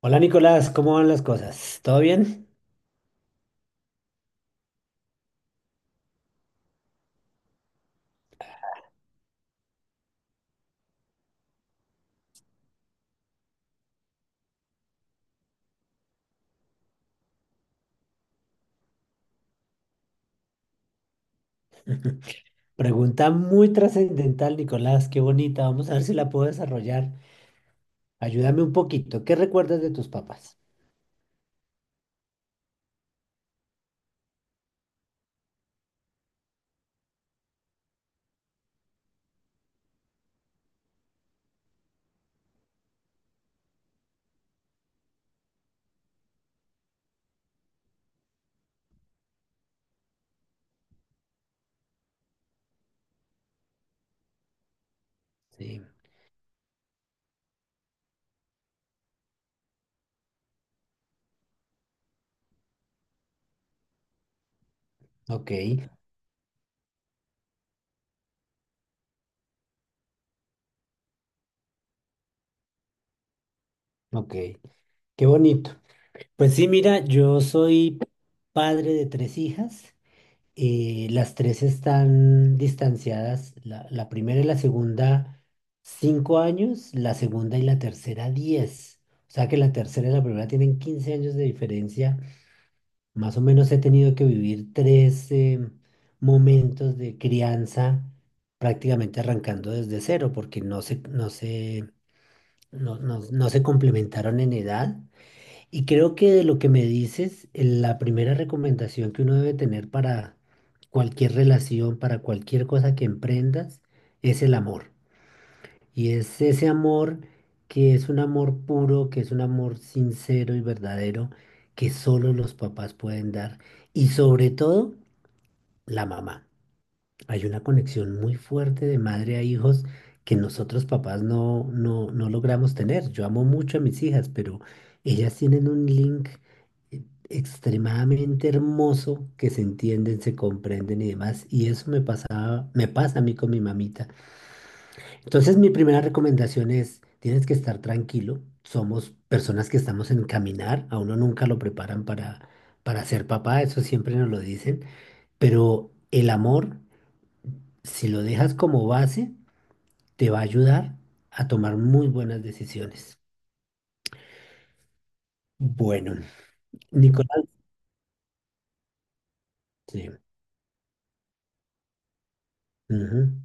Hola Nicolás, ¿cómo van las cosas? ¿Todo bien? Pregunta muy trascendental, Nicolás, qué bonita. Vamos a ver si la puedo desarrollar. Ayúdame un poquito. ¿Qué recuerdas de tus papás? Sí, ok, ok. Qué bonito. Pues sí, mira, yo soy padre de tres hijas. Las tres están distanciadas. La primera y la segunda, 5 años. La segunda y la tercera, 10. O sea que la tercera y la primera tienen 15 años de diferencia. Más o menos he tenido que vivir tres momentos de crianza prácticamente arrancando desde cero porque no se complementaron en edad. Y creo que de lo que me dices, la primera recomendación que uno debe tener para cualquier relación, para cualquier cosa que emprendas, es el amor. Y es ese amor que es un amor puro, que es un amor sincero y verdadero, que solo los papás pueden dar. Y sobre todo, la mamá. Hay una conexión muy fuerte de madre a hijos que nosotros papás no logramos tener. Yo amo mucho a mis hijas, pero ellas tienen un link eh, extremadamente hermoso que se entienden, se comprenden y demás. Y eso me pasaba, me pasa a mí con mi mamita. Entonces, mi primera recomendación es, tienes que estar tranquilo. Somos personas que estamos en caminar, a uno nunca lo preparan para ser papá, eso siempre nos lo dicen, pero el amor, si lo dejas como base, te va a ayudar a tomar muy buenas decisiones. Bueno, Nicolás, sí, ujú.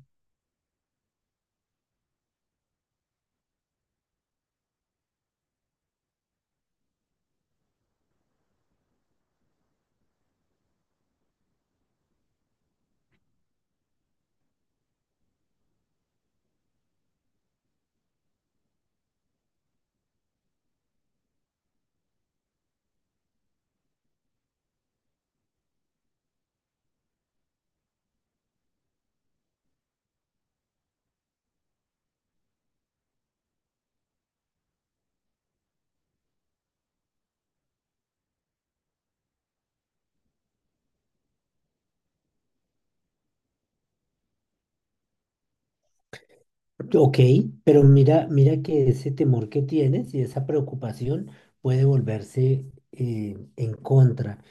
Ok, pero mira, mira que ese temor que tienes y esa preocupación puede volverse en contra.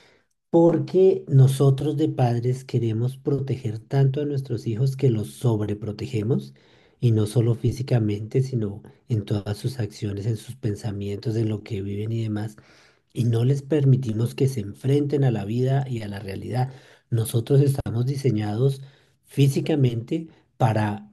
Porque nosotros de padres queremos proteger tanto a nuestros hijos que los sobreprotegemos, y no solo físicamente, sino en todas sus acciones, en sus pensamientos, en lo que viven y demás y no les permitimos que se enfrenten a la vida y a la realidad. Nosotros estamos diseñados físicamente para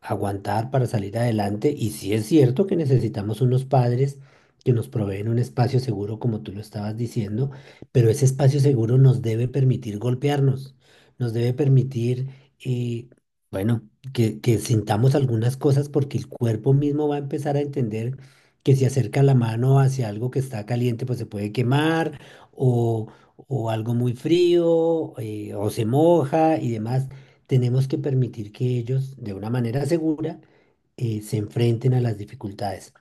aguantar, para salir adelante y sí es cierto que necesitamos unos padres que nos proveen un espacio seguro, como tú lo estabas diciendo, pero ese espacio seguro nos debe permitir golpearnos, nos debe permitir... eh, bueno, que sintamos algunas cosas porque el cuerpo mismo va a empezar a entender que si acerca la mano hacia algo que está caliente, pues se puede quemar, o, o algo muy frío, o se moja y demás. Tenemos que permitir que ellos, de una manera segura, se enfrenten a las dificultades.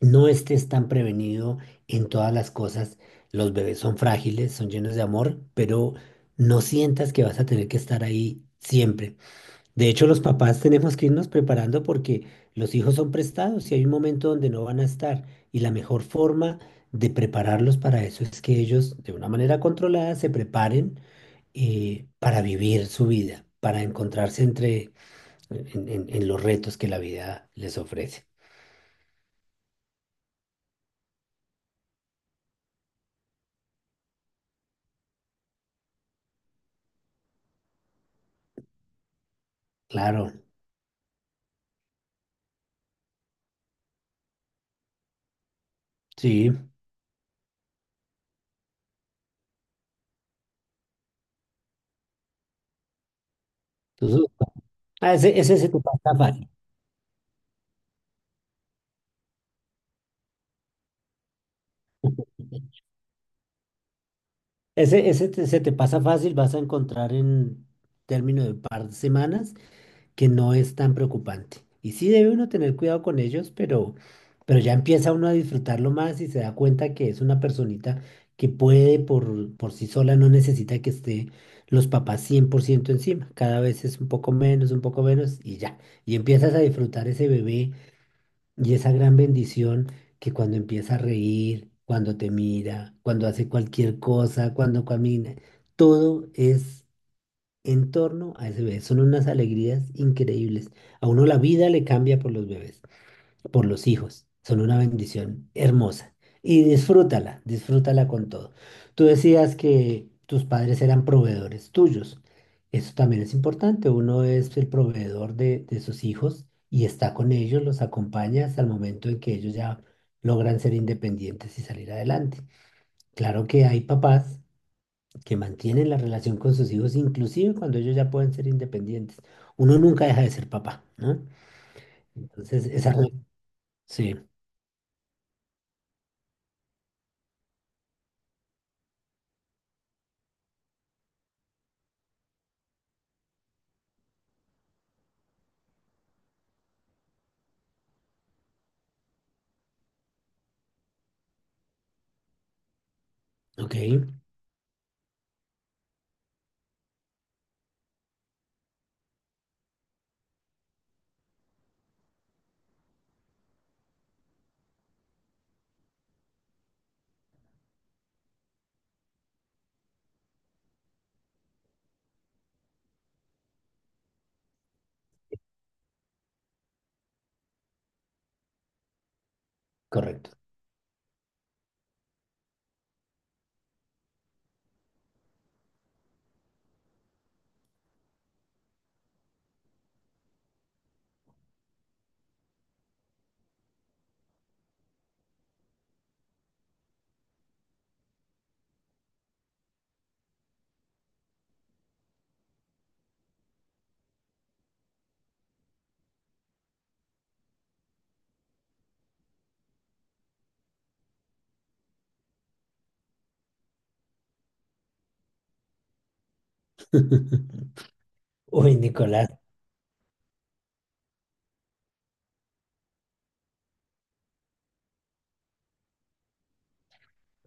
No estés tan prevenido en todas las cosas. Los bebés son frágiles, son llenos de amor, pero no sientas que vas a tener que estar ahí siempre. De hecho, los papás tenemos que irnos preparando porque los hijos son prestados y hay un momento donde no van a estar. Y la mejor forma de prepararlos para eso es que ellos, de una manera controlada, se preparen para vivir su vida, para encontrarse en los retos que la vida les ofrece. Claro, sí. Entonces, ese se te pasa fácil. Ese se te pasa fácil, vas a encontrar en término de un par de semanas que no es tan preocupante. Y sí debe uno tener cuidado con ellos, pero ya empieza uno a disfrutarlo más y se da cuenta que es una personita que puede por sí sola, no necesita que esté los papás 100% encima. Cada vez es un poco menos y ya. Y empiezas a disfrutar ese bebé y esa gran bendición que cuando empieza a reír, cuando te mira, cuando hace cualquier cosa, cuando camina, todo es en torno a ese bebé. Son unas alegrías increíbles. A uno la vida le cambia por los bebés, por los hijos. Son una bendición hermosa. Y disfrútala, disfrútala con todo. Tú decías que tus padres eran proveedores tuyos. Eso también es importante. Uno es el proveedor de sus hijos y está con ellos, los acompaña hasta el momento en que ellos ya logran ser independientes y salir adelante. Claro que hay papás que mantienen la relación con sus hijos, inclusive cuando ellos ya pueden ser independientes. Uno nunca deja de ser papá, ¿no? Entonces, esa... Ujú. Sí, ok, correcto. Uy, Nicolás,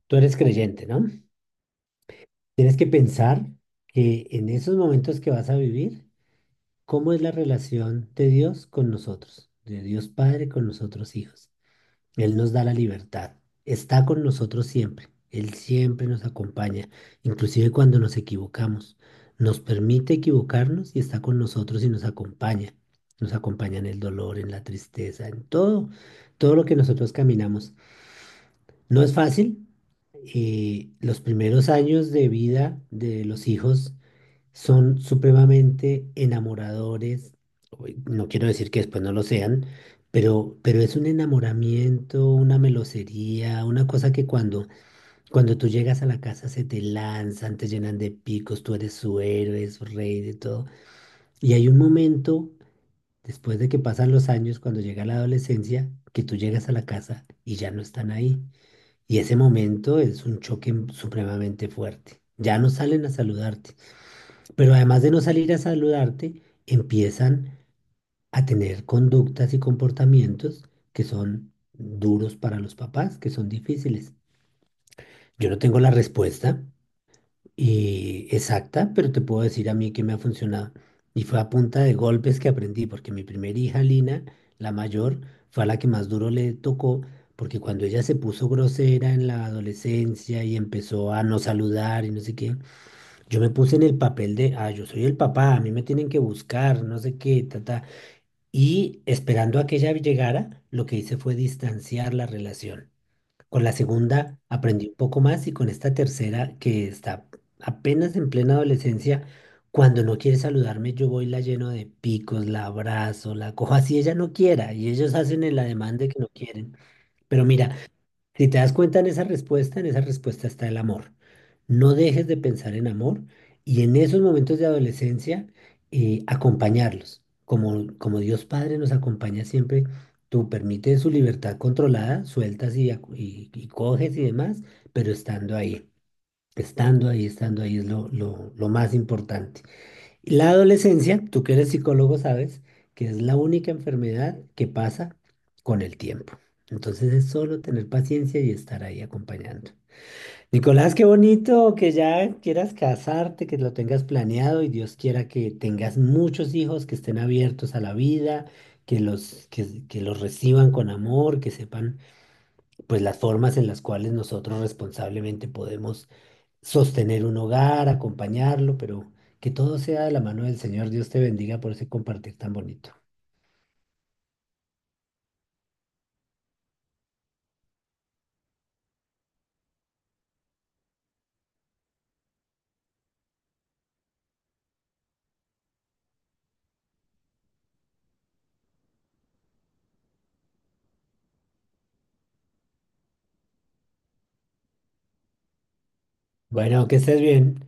tú eres creyente, ¿no? Tienes que pensar que en esos momentos que vas a vivir, ¿cómo es la relación de Dios con nosotros? De Dios Padre con nosotros hijos. Él nos da la libertad. Está con nosotros siempre. Él siempre nos acompaña, inclusive cuando nos equivocamos. Nos permite equivocarnos y está con nosotros y nos acompaña. Nos acompaña en el dolor, en la tristeza, en todo, todo lo que nosotros caminamos. No es fácil. Los primeros años de vida de los hijos son supremamente enamoradores. Uy, no quiero decir que después no lo sean, pero es un enamoramiento, una melosería, una cosa que cuando, cuando tú llegas a la casa se te lanzan, te llenan de picos, tú eres su héroe, su rey, de todo. Y hay un momento, después de que pasan los años, cuando llega la adolescencia, que tú llegas a la casa y ya no están ahí. Y ese momento es un choque supremamente fuerte. Ya no salen a saludarte. Pero además de no salir a saludarte, empiezan a tener conductas y comportamientos que son duros para los papás, que son difíciles. Yo no tengo la respuesta y exacta, pero te puedo decir a mí que me ha funcionado. Y fue a punta de golpes que aprendí, porque mi primera hija, Lina, la mayor, fue a la que más duro le tocó, porque cuando ella se puso grosera en la adolescencia y empezó a no saludar y no sé qué, yo me puse en el papel de, ah, yo soy el papá, a mí me tienen que buscar, no sé qué, ta, ta. Y esperando a que ella llegara, lo que hice fue distanciar la relación. Con la segunda aprendí un poco más y con esta tercera, que está apenas en plena adolescencia, cuando no quiere saludarme, yo voy y la lleno de picos, la abrazo, la cojo así ella no quiera y ellos hacen el ademán de que no quieren. Pero mira, si te das cuenta en esa respuesta está el amor. No dejes de pensar en amor y en esos momentos de adolescencia acompañarlos. Como, como Dios Padre nos acompaña siempre, tú permites su libertad controlada, sueltas y coges y demás, pero estando ahí, estando ahí, estando ahí es lo más importante. La adolescencia, tú que eres psicólogo sabes que es la única enfermedad que pasa con el tiempo. Entonces es solo tener paciencia y estar ahí acompañando. Nicolás, qué bonito que ya quieras casarte, que lo tengas planeado y Dios quiera que tengas muchos hijos que estén abiertos a la vida, que los reciban con amor, que sepan pues las formas en las cuales nosotros responsablemente podemos sostener un hogar, acompañarlo, pero que todo sea de la mano del Señor. Dios te bendiga por ese compartir tan bonito. Bueno, que estés bien.